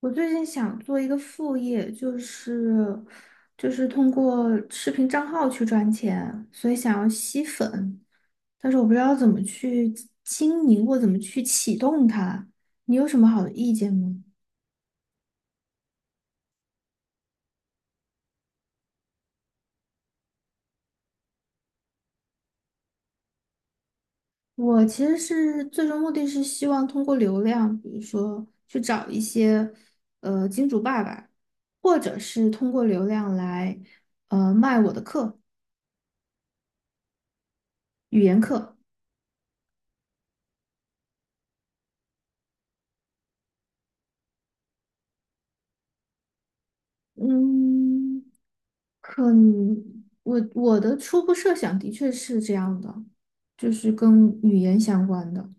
我最近想做一个副业，就是通过视频账号去赚钱，所以想要吸粉，但是我不知道怎么去经营或怎么去启动它。你有什么好的意见吗？我其实是最终目的是希望通过流量，比如说去找一些金主爸爸，或者是通过流量来卖我的课，语言课。嗯。可能我的初步设想的确是这样的，就是跟语言相关的。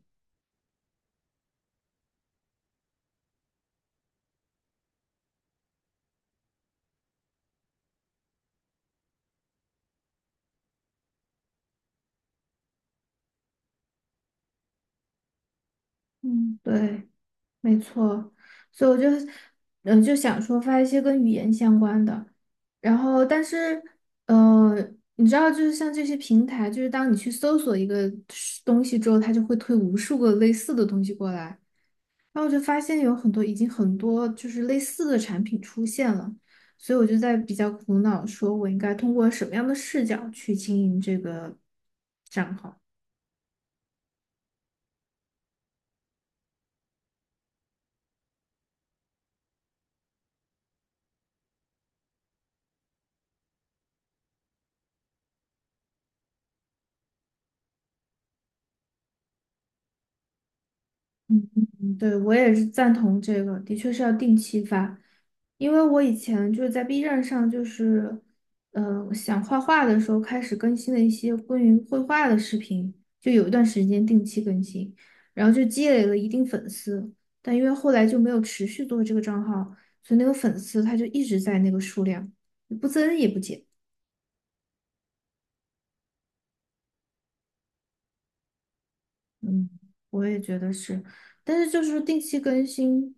嗯，对，没错。所以我就就想说发一些跟语言相关的，然后但是呃，你知道，就是像这些平台，就是当你去搜索一个是东西之后，它就会推无数个类似的东西过来。然后我就发现有很多已经很多就是类似的产品出现了，所以我就在比较苦恼，说我应该通过什么样的视角去经营这个账号。嗯，嗯嗯，对，我也是赞同这个，的确是要定期发，因为我以前就是在 B 站上，就是，想画画的时候开始更新了一些关于绘画的视频，就有一段时间定期更新，然后就积累了一定粉丝，但因为后来就没有持续做这个账号，所以那个粉丝他就一直在那个数量，不增也不减。嗯，我也觉得是，但是就是定期更新。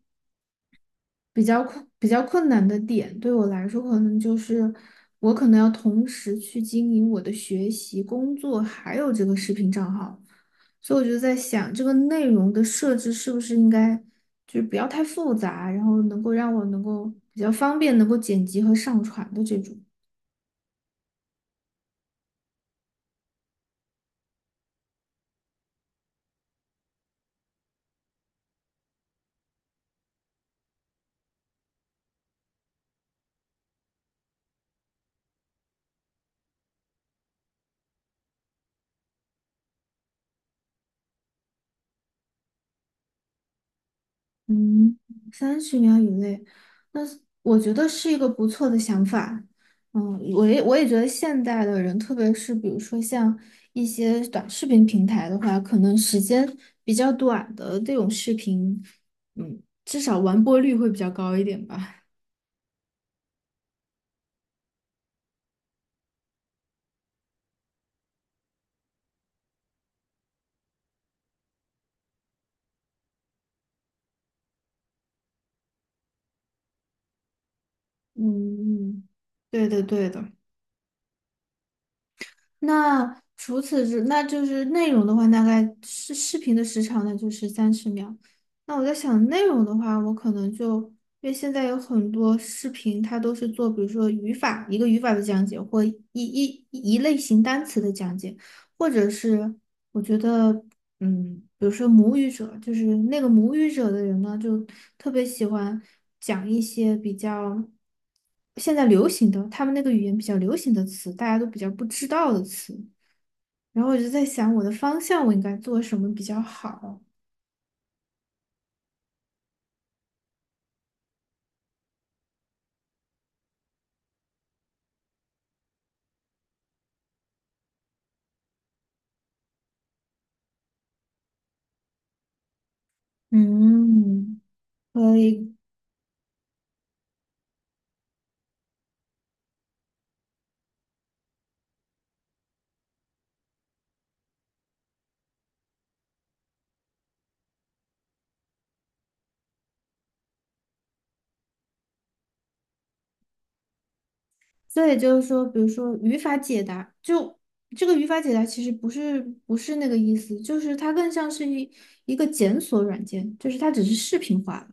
比较困难的点，对我来说可能就是我可能要同时去经营我的学习、工作，还有这个视频账号，所以我就在想，这个内容的设置是不是应该就是不要太复杂，然后能够让我能够比较方便能够剪辑和上传的这种。嗯，三十秒以内，那是我觉得是一个不错的想法。嗯，我也觉得现代的人，特别是比如说像一些短视频平台的话，可能时间比较短的这种视频，嗯，至少完播率会比较高一点吧。嗯，嗯对的对的。那除此之，那就是内容的话，大概视频的时长呢就是三十秒。那我在想内容的话，我可能就因为现在有很多视频，它都是做比如说语法一个语法的讲解，或一类型单词的讲解，或者是我觉得。嗯，比如说母语者，就是那个母语者的人呢，就特别喜欢讲一些比较现在流行的，他们那个语言比较流行的词，大家都比较不知道的词。然后我就在想，我的方向我应该做什么比较好？嗯，可以。这也就是说，比如说语法解答，就这个语法解答其实不是不是那个意思，就是它更像是一个检索软件，就是它只是视频化。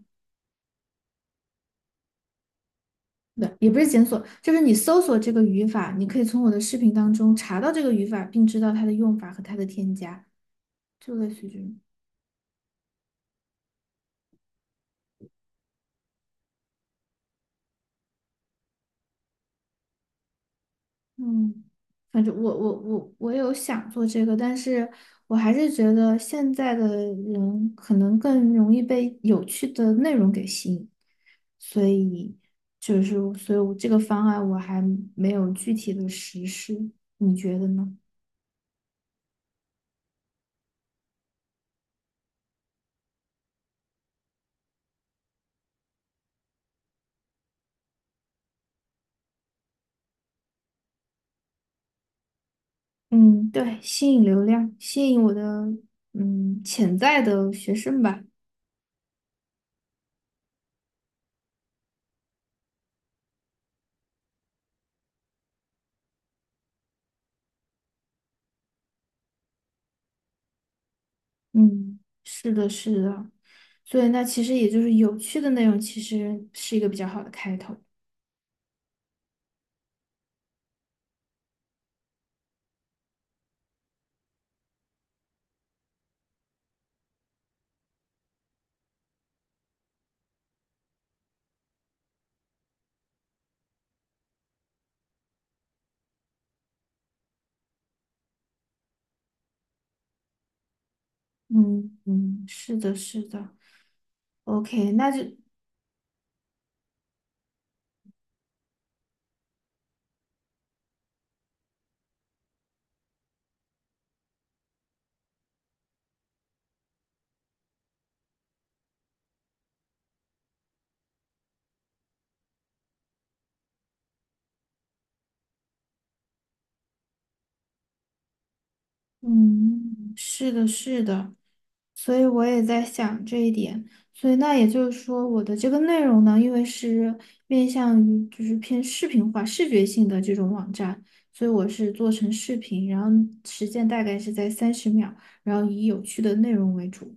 对，也不是检索，就是你搜索这个语法，你可以从我的视频当中查到这个语法，并知道它的用法和它的添加，就类似于这种。嗯，反正我有想做这个，但是我还是觉得现在的人可能更容易被有趣的内容给吸引，所以就是所以我这个方案我还没有具体的实施，你觉得呢？嗯，对，吸引流量，吸引我的潜在的学生吧。嗯，是的，是的。所以那其实也就是有趣的内容，其实是一个比较好的开头。嗯嗯，是的，是的。OK。嗯，是的，是的。所以我也在想这一点。所以那也就是说，我的这个内容呢，因为是面向于就是偏视频化、视觉性的这种网站，所以我是做成视频，然后时间大概是在三十秒，然后以有趣的内容为主。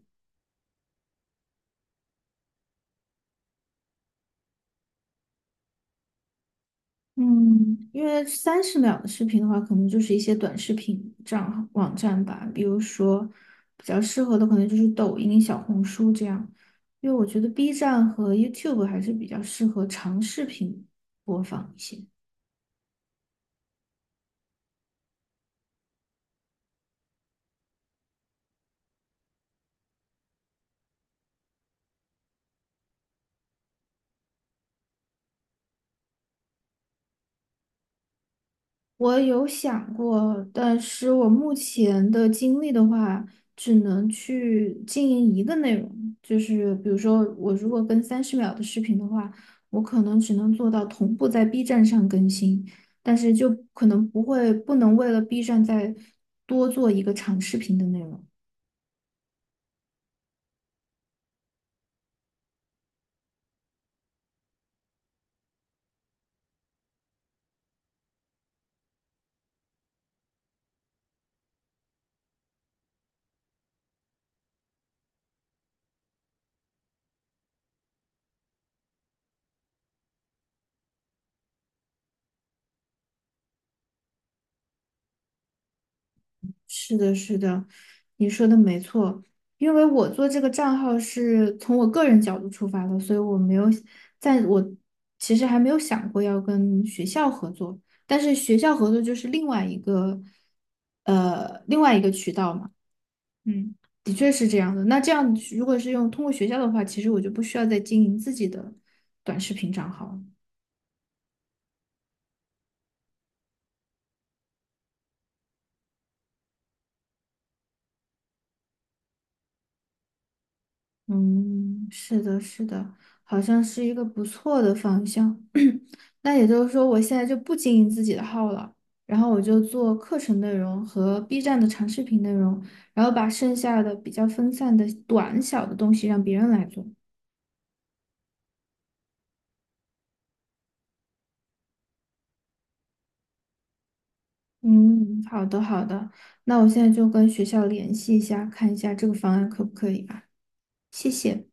嗯，因为三十秒的视频的话，可能就是一些短视频账网站吧，比如说比较适合的可能就是抖音、小红书这样，因为我觉得 B 站和 YouTube 还是比较适合长视频播放一些。我有想过，但是我目前的精力的话，只能去经营一个内容，就是比如说，我如果跟三十秒的视频的话，我可能只能做到同步在 B 站上更新，但是就可能不会，不能为了 B 站再多做一个长视频的内容。是的，是的，你说的没错。因为我做这个账号是从我个人角度出发的，所以我没有，在我其实还没有想过要跟学校合作，但是学校合作就是另外一个，另外一个渠道嘛。嗯，的确是这样的。那这样如果是用通过学校的话，其实我就不需要再经营自己的短视频账号了。嗯，是的，是的，好像是一个不错的方向。那也就是说，我现在就不经营自己的号了，然后我就做课程内容和 B 站的长视频内容，然后把剩下的比较分散的短小的东西让别人来做。嗯，好的好的，那我现在就跟学校联系一下，看一下这个方案可不可以吧。谢谢。